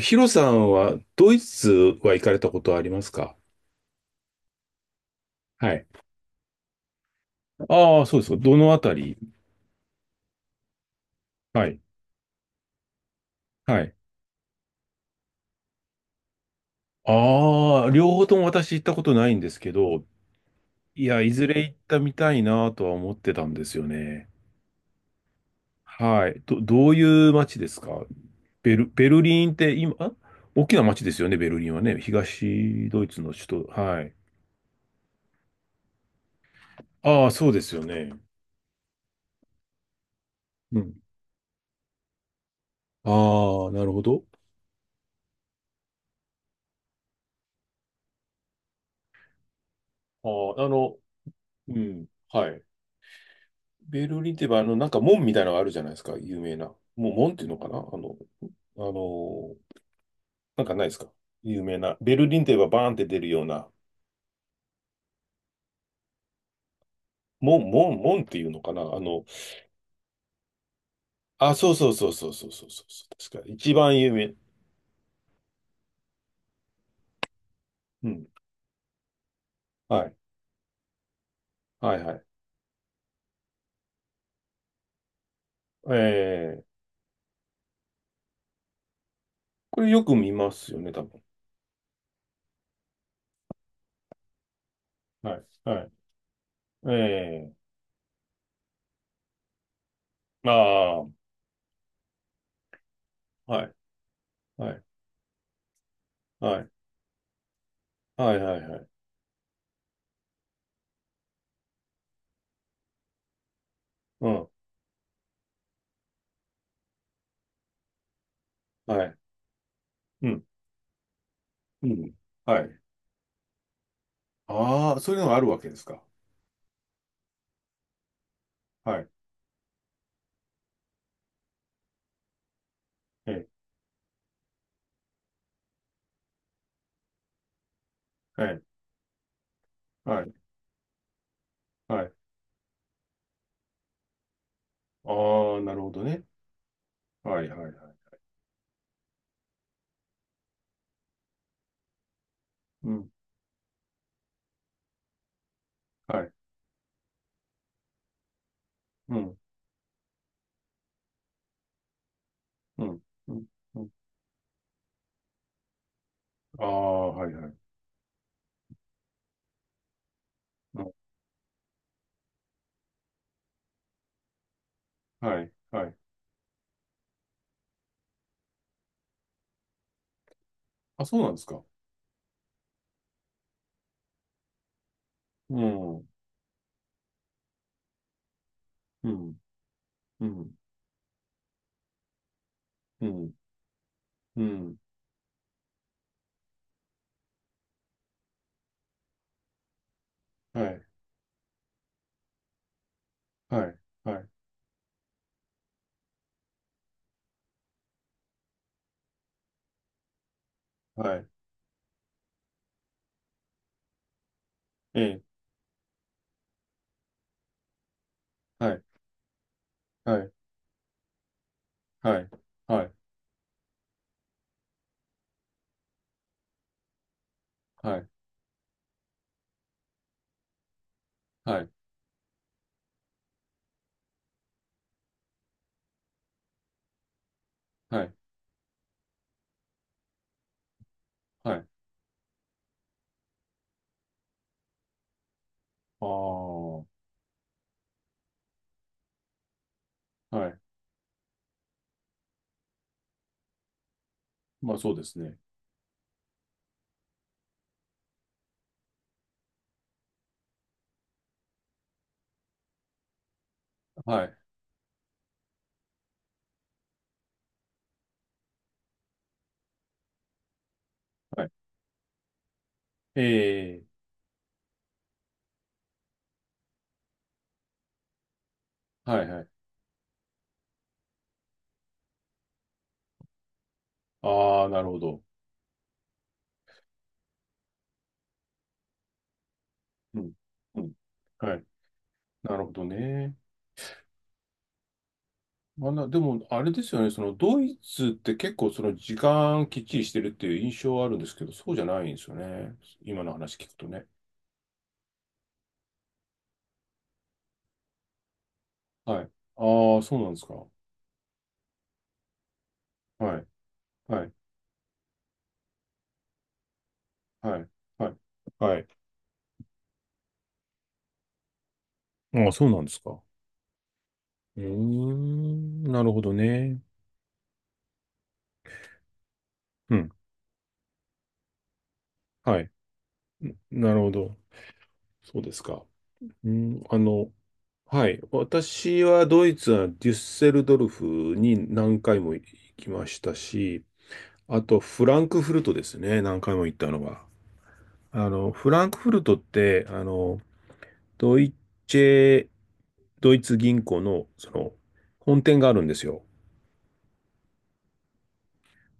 ヒロさんはドイツは行かれたことはありますか？はい。ああ、そうですか。どのあたり？はい。はい。ああ、両方とも私行ったことないんですけど、いや、いずれ行ったみたいなとは思ってたんですよね。はい。どういう街ですか？ベルリンって今、あ、大きな街ですよね、ベルリンはね。東ドイツの首都。はい。ああ、そうですよね。うん。ああ、なるほど。ああ、あの、うん。はい。ベルリンってば、あの、なんか門みたいなのがあるじゃないですか、有名な。もう門っていうのかな、あの、あの、なんかないですか、有名な。ベルリンとい言えばバーンって出るような。門、門、門っていうのかな、あの、あ、そうそうそうそうそうそうそう。確か、一番有名。うん。はい。はいはい。えー、これよく見ますよね、多分。はい。はい。えああ、はい。はい。はい。はいはいはい。うん。はい。うん。うん。はい。ああ、そういうのがあるわけですか。はい。ええ、はい、はい、はい。ああ、なるほどね。はい、はい、はい。うん、はい、うん、うん、うん。うん、ああ、はい、はい。うん、はい、はい。あ、そうなんですか。うん、うん、うん、うん、うん。うん、はい、はい、はい、はい。ええ、はい、はい、はい、はい、はい、はい、はい、はい。ああ、はい。まあ、そうですね。はい、はい。ええ、はい、はい。ああ、なるほど。うん、うん。はい。なるほどね。あな、でも、あれですよね、そのドイツって結構その時間きっちりしてるっていう印象はあるんですけど、そうじゃないんですよね。今の話聞くとね。はい。ああ、そうなんですか。はい。はい。はい。はい。はい。ああ、そうなんですか。うーん、なるほどね。うん。はい。ん、なるほど。そうですか。うん、あの、はい。私はドイツはデュッセルドルフに何回も行きましたし、あと、フランクフルトですね。何回も行ったのが。あの、フランクフルトって、あの、ドイツェ、ドイツ銀行の、その、本店があるんですよ。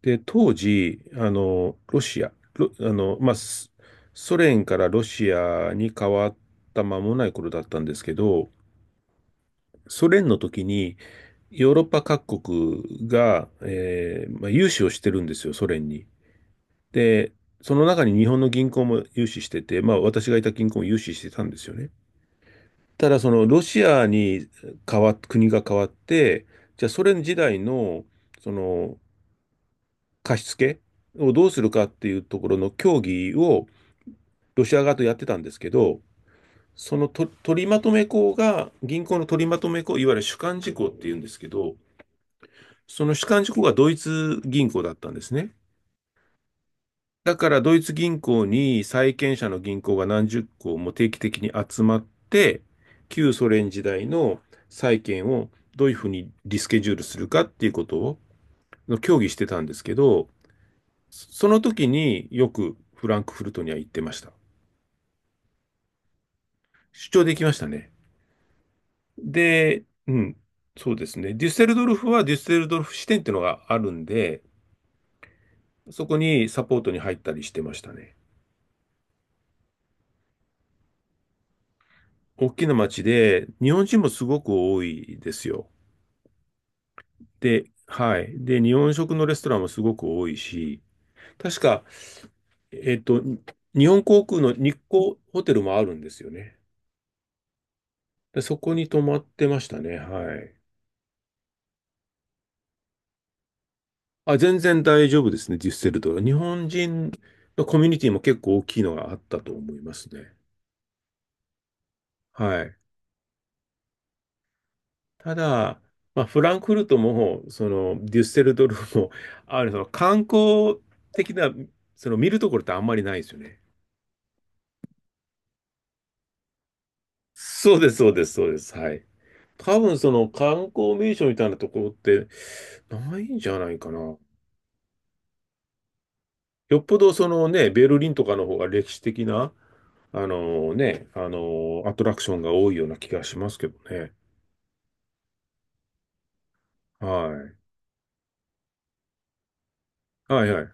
で、当時、あの、ロシア、ロあの、まあ、ソ連からロシアに変わった間もない頃だったんですけど、ソ連の時に、ヨーロッパ各国が、まあ、融資をしてるんですよ、ソ連に。で、その中に日本の銀行も融資してて、まあ私がいた銀行も融資してたんですよね。ただそのロシアに変わっ、国が変わって、じゃあソ連時代のその貸し付けをどうするかっていうところの協議をロシア側とやってたんですけど、その取りまとめ行が、銀行の取りまとめ行、いわゆる主幹事項っていうんですけど、その主幹事項がドイツ銀行だったんですね。だからドイツ銀行に債権者の銀行が何十行も定期的に集まって、旧ソ連時代の債権をどういうふうにリスケジュールするかっていうことを協議してたんですけど、その時によくフランクフルトには行ってました。出張できましたね。で、うん、そうですね。デュッセルドルフはデュッセルドルフ支店っていうのがあるんで、そこにサポートに入ったりしてましたね。大きな町で、日本人もすごく多いですよ。で、はい。で、日本食のレストランもすごく多いし、確か、えっと、日本航空の日光ホテルもあるんですよね。で、そこに泊まってましたね。はい。あ、全然大丈夫ですね、デュッセルドルフ。日本人のコミュニティも結構大きいのがあったと思いますね。はい。ただ、まあ、フランクフルトも、その、デュッセルドルフも、あの、その観光的な、その見るところってあんまりないですよね。そうです、そうです、そうです。はい。多分その観光名所みたいなところってないんじゃないかな。よっぽどそのね、ベルリンとかの方が歴史的な、あのね、あのアトラクションが多いような気がしますけどね。はい。はいはい。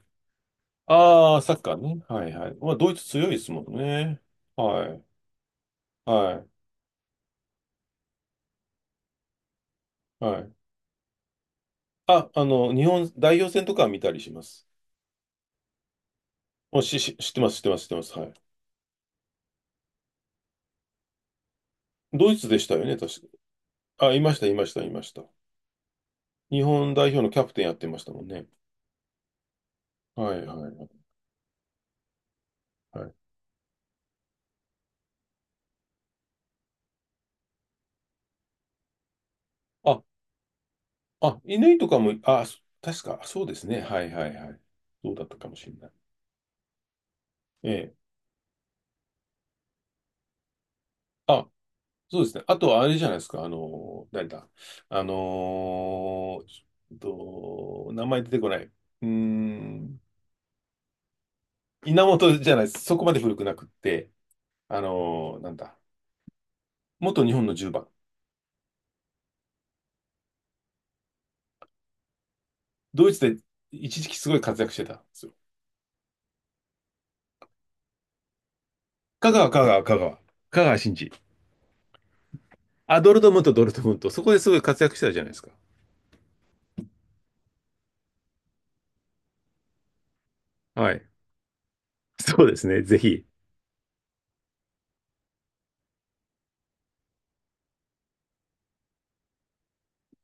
ああ、サッカーね。はいはい。まあ、ドイツ強いですもんね。はい。はい。はい。あ、あの、日本代表戦とかは見たりします。もし、し、知ってます、知ってます、知ってます。はい。ドイツでしたよね、確か。あ、いました、いました、いました。日本代表のキャプテンやってましたもんね。はいはいはいはい。あ、あ、犬とかも、あ、そ確か、そうですね。はいはいはい。そうだったかもしれない。ええ。あ、そうですね。あと、あれじゃないですか。あの、誰だ。あのー、ちょっと、名前出てこない。うーん、稲本じゃないです。そこまで古くなくって、あのー、なんだ。元日本の10番。ドイツで一時期すごい活躍してたんですよ。香川、香川、香川。香川真司。あ、ドルトムント、ドルトムント。そこですごい活躍してたじゃないですか。はい。そうですね、ぜひ。